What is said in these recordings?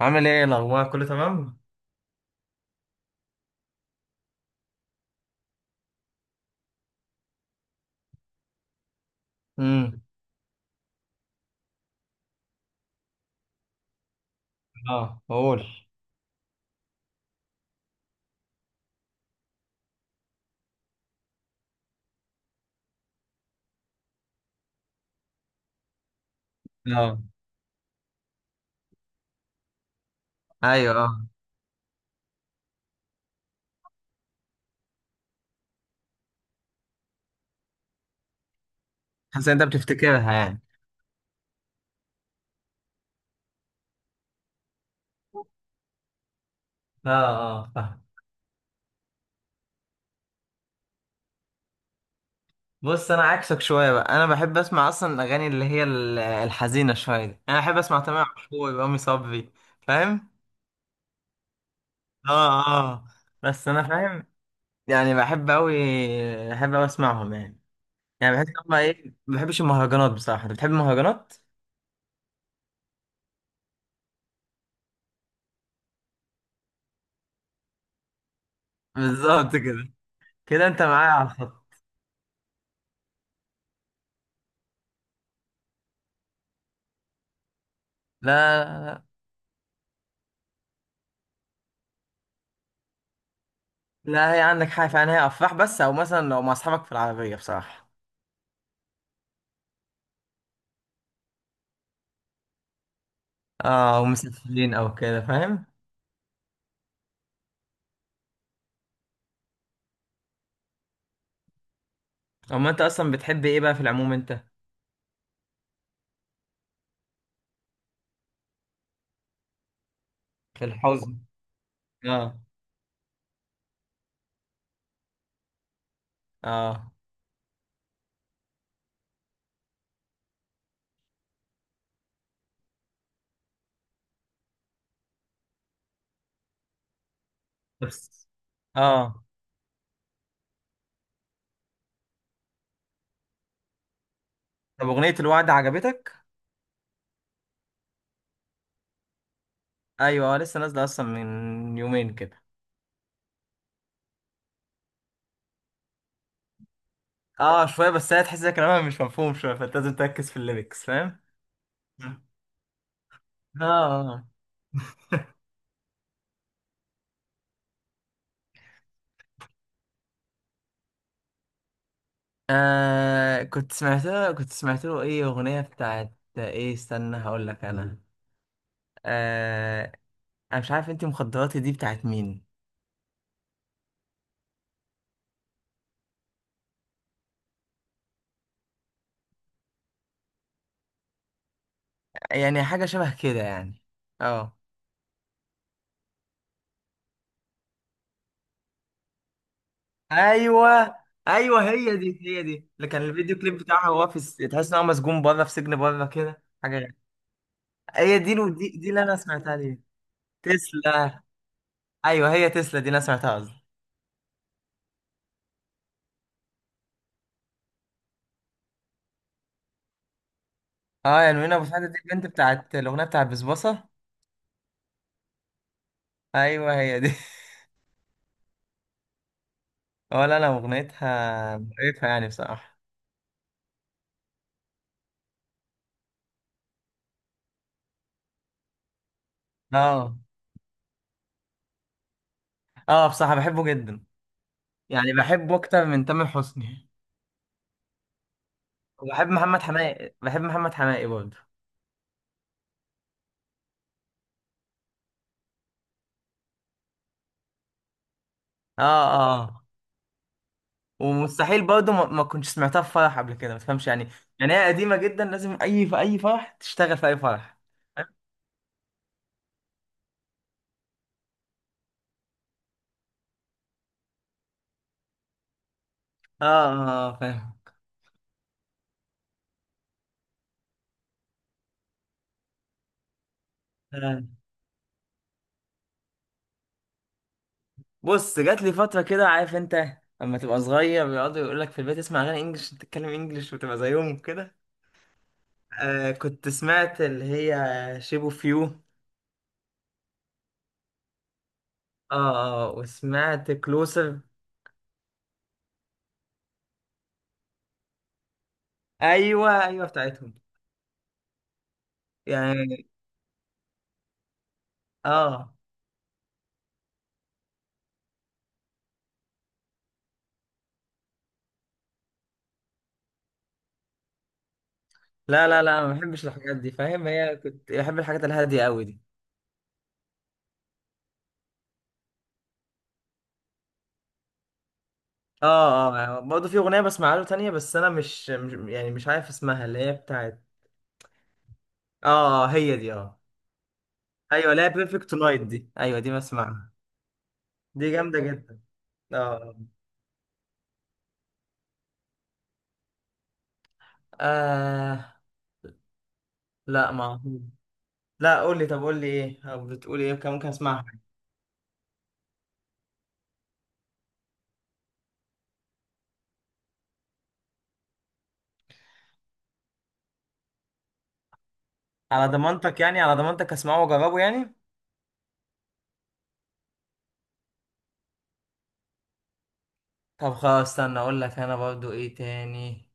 عامل ايه؟ الاخبار كله تمام؟ امم. اه، قول. اه، ايوه، اه. حاسس ان انت بتفتكرها يعني؟ اه، اه، فاهم. بص، انا عكسك شويه بقى. انا بحب اسمع اصلا الاغاني اللي هي الحزينه شويه دي. انا بحب اسمع تامر عاشور، رامي صبري. فاهم؟ اه، اه، بس انا فاهم. يعني بحب اوي، بحب اوي اسمعهم يعني. يعني بحس ان هما ايه، ما بحبش المهرجانات بصراحه. انت بتحب المهرجانات؟ بالظبط كده. كده انت معايا على الخط. لا، لا، لا. لا، هي عندك حاجة فعلا، هي أفراح بس، أو مثلا لو مع أصحابك في العربية بصراحة. اه، أو مسافرين أو كده، فاهم. أما أنت أصلا بتحب إيه بقى في العموم أنت؟ في الحزن. اه، اه، بس اه. طب أغنية الوعد عجبتك؟ أيوة، لسه نازلة أصلا من يومين كده. اه، شوية بس. هي تحس إن كلامها مش مفهوم شوية فأنت لازم تركز في الليركس، فاهم؟ اه، آه. كنت سمعت له إيه أغنية بتاعت. إيه، استنى هقول لك أنا. آه. انا مش عارف انت مخدراتي دي بتاعت مين. يعني حاجه شبه كده يعني. اه، ايوه، ايوه، هي دي، هي دي اللي كان الفيديو كليب بتاعها، هو في تحس ان هو مسجون بره، في سجن بره كده، حاجه غريبة. هي دي اللي انا سمعتها ليه. تسلا. ايوه، هي تسلا دي اللي انا سمعتها قصدي. اه، يعني منى ابو سعد دي، البنت بتاعت الاغنيه بتاعت بسبوسه. ايوه، هي دي. ولا انا، اغنيتها مقرفه يعني بصراحه. اه، اه، بصراحه بحبه جدا. يعني بحبه اكتر من تامر حسني. وبحب محمد حماقي، بحب محمد حماقي برضه. اه، اه، ومستحيل برضه ما كنتش سمعتها في فرح قبل كده، ما تفهمش يعني. يعني هي قديمة جدا، لازم في اي فرح تشتغل، في اي فرح. فاهم؟ اه، اه، آه، فاهم. آه. بص، جات لي فترة كده، عارف انت لما تبقى صغير بيقعدوا يقول لك في البيت اسمع اغاني انجلش، تتكلم انجلش وتبقى زيهم كده. آه، كنت سمعت اللي هي شيب اوف يو، اه. اه، وسمعت كلوسر. ايوه، ايوه، بتاعتهم. يعني اه، لا، لا، لا، ما بحبش الحاجات دي فاهم، هي كنت بحب الحاجات الهادية قوي دي. اه، اه، برضه في اغنية بسمعها له تانية، بس انا مش عارف اسمها اللي هي بتاعت. اه، اه، آه، هي دي، اه. ايوه لا، بيرفكت نايت دي، ايوه دي بسمعها. دي جامدة جدا. اه، اه، آه. آه، لا ما، لا قول لي، طب قول لي ايه او بتقول ايه، كان ممكن اسمعها. على ضمانتك يعني، على ضمانتك اسمعه واجربه يعني. طب خلاص، استنى اقول لك انا برضه ايه تاني.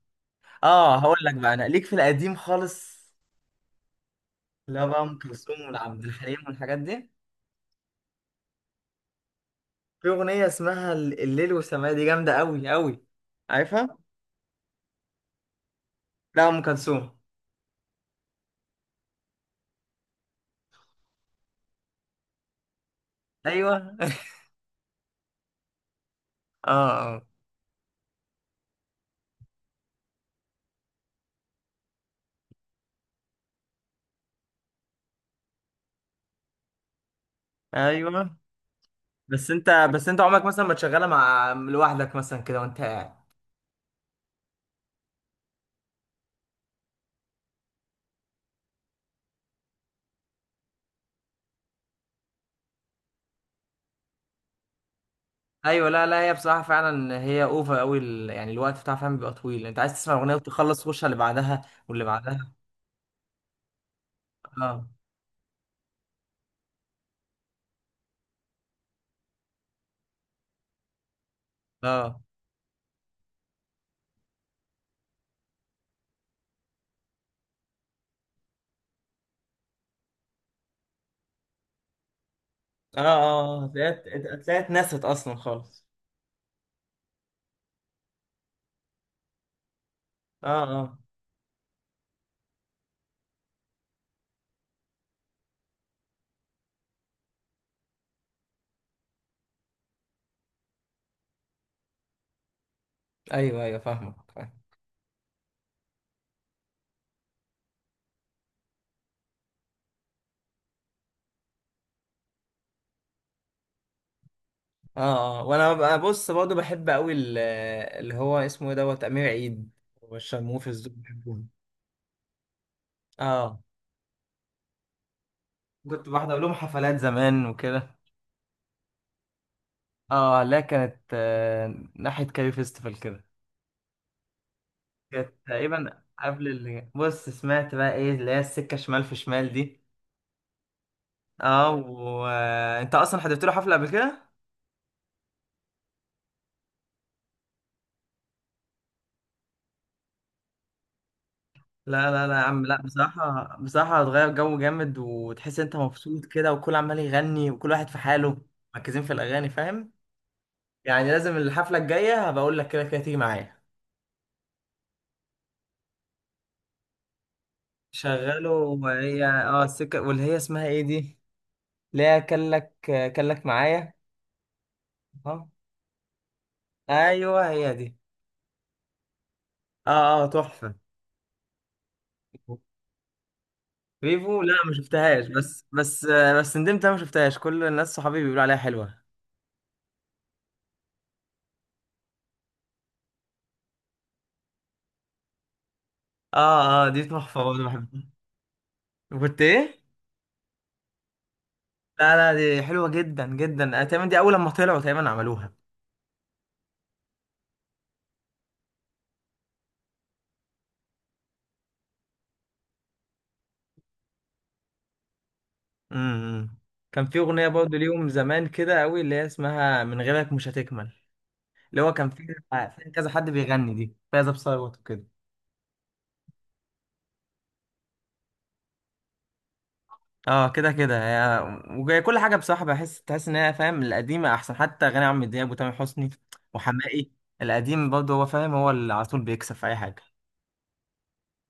اه، هقول لك بقى، انا ليك في القديم خالص. لا بقى، ام كلثوم والعبد الحليم والحاجات دي. في اغنيه اسمها الليل والسماء دي، جامده قوي قوي. عارفها. لا، ام كلثوم. ايوه. اه، اه، ايوه، بس انت بس انت عمرك مثلا ما تشغلها مع لوحدك مثلا كده وانت قاعد؟ ايوه، لا لا، هي بصراحه فعلا هي اوفر قوي، يعني الوقت بتاعها فعلا بيبقى طويل، انت عايز تسمع الاغنيه وتخلص تخش على اللي بعدها. واللي بعدها. اه، اه، اه، اه، هتلاقيها، هتلاقيها اتنست اصلا خالص. اه، اه، ايوه، ايوه، فاهمك. اه، اه، وانا بص، برضه بحب قوي اللي هو اسمه ايه، دوت، امير عيد والشرموفرز دول بحبهم. اه، كنت بحضر لهم حفلات زمان وكده. اه لا، كانت ناحية كاري فيستيفال كده. كانت تقريبا قبل اللي، بص سمعت بقى ايه اللي هي السكة شمال، في شمال دي. اه، وانت اصلا حضرت له حفلة قبل كده؟ لا، لا، لا يا عم، لا بصراحة، بصراحة هتغير جو جامد وتحس انت مبسوط كده، وكل عمال يغني وكل واحد في حاله. مركزين في الأغاني، فاهم؟ يعني لازم الحفلة الجاية هبقى اقول لك كده كده تيجي معايا. شغاله وهي السكة، واللي هي اسمها ايه دي، اللي هي كلك معايا. اه، ايوه هي دي. اه، اه، تحفة. فيفو، لا ما شفتهاش، بس ندمت انا ما شفتهاش، كل الناس صحابي بيقولوا عليها حلوة. اه، اه، دي تحفة برضه بحبها. كنت ايه؟ لا، لا، دي حلوة جدا جدا، تقريبا دي اول لما طلعوا تقريبا عملوها. امم كان في اغنية برضه ليهم زمان كده قوي، اللي هي اسمها من غيرك مش هتكمل. اللي هو كان فيه كذا حد بيغني، دي فايزة بثروت وكده. اه، كده كده وجاي كل حاجه بصراحه، تحس ان هي فاهم، القديمه احسن حتى اغاني عمرو دياب وتامر حسني وحماقي. القديم برضه هو فاهم، هو اللي على طول بيكسب في اي حاجه.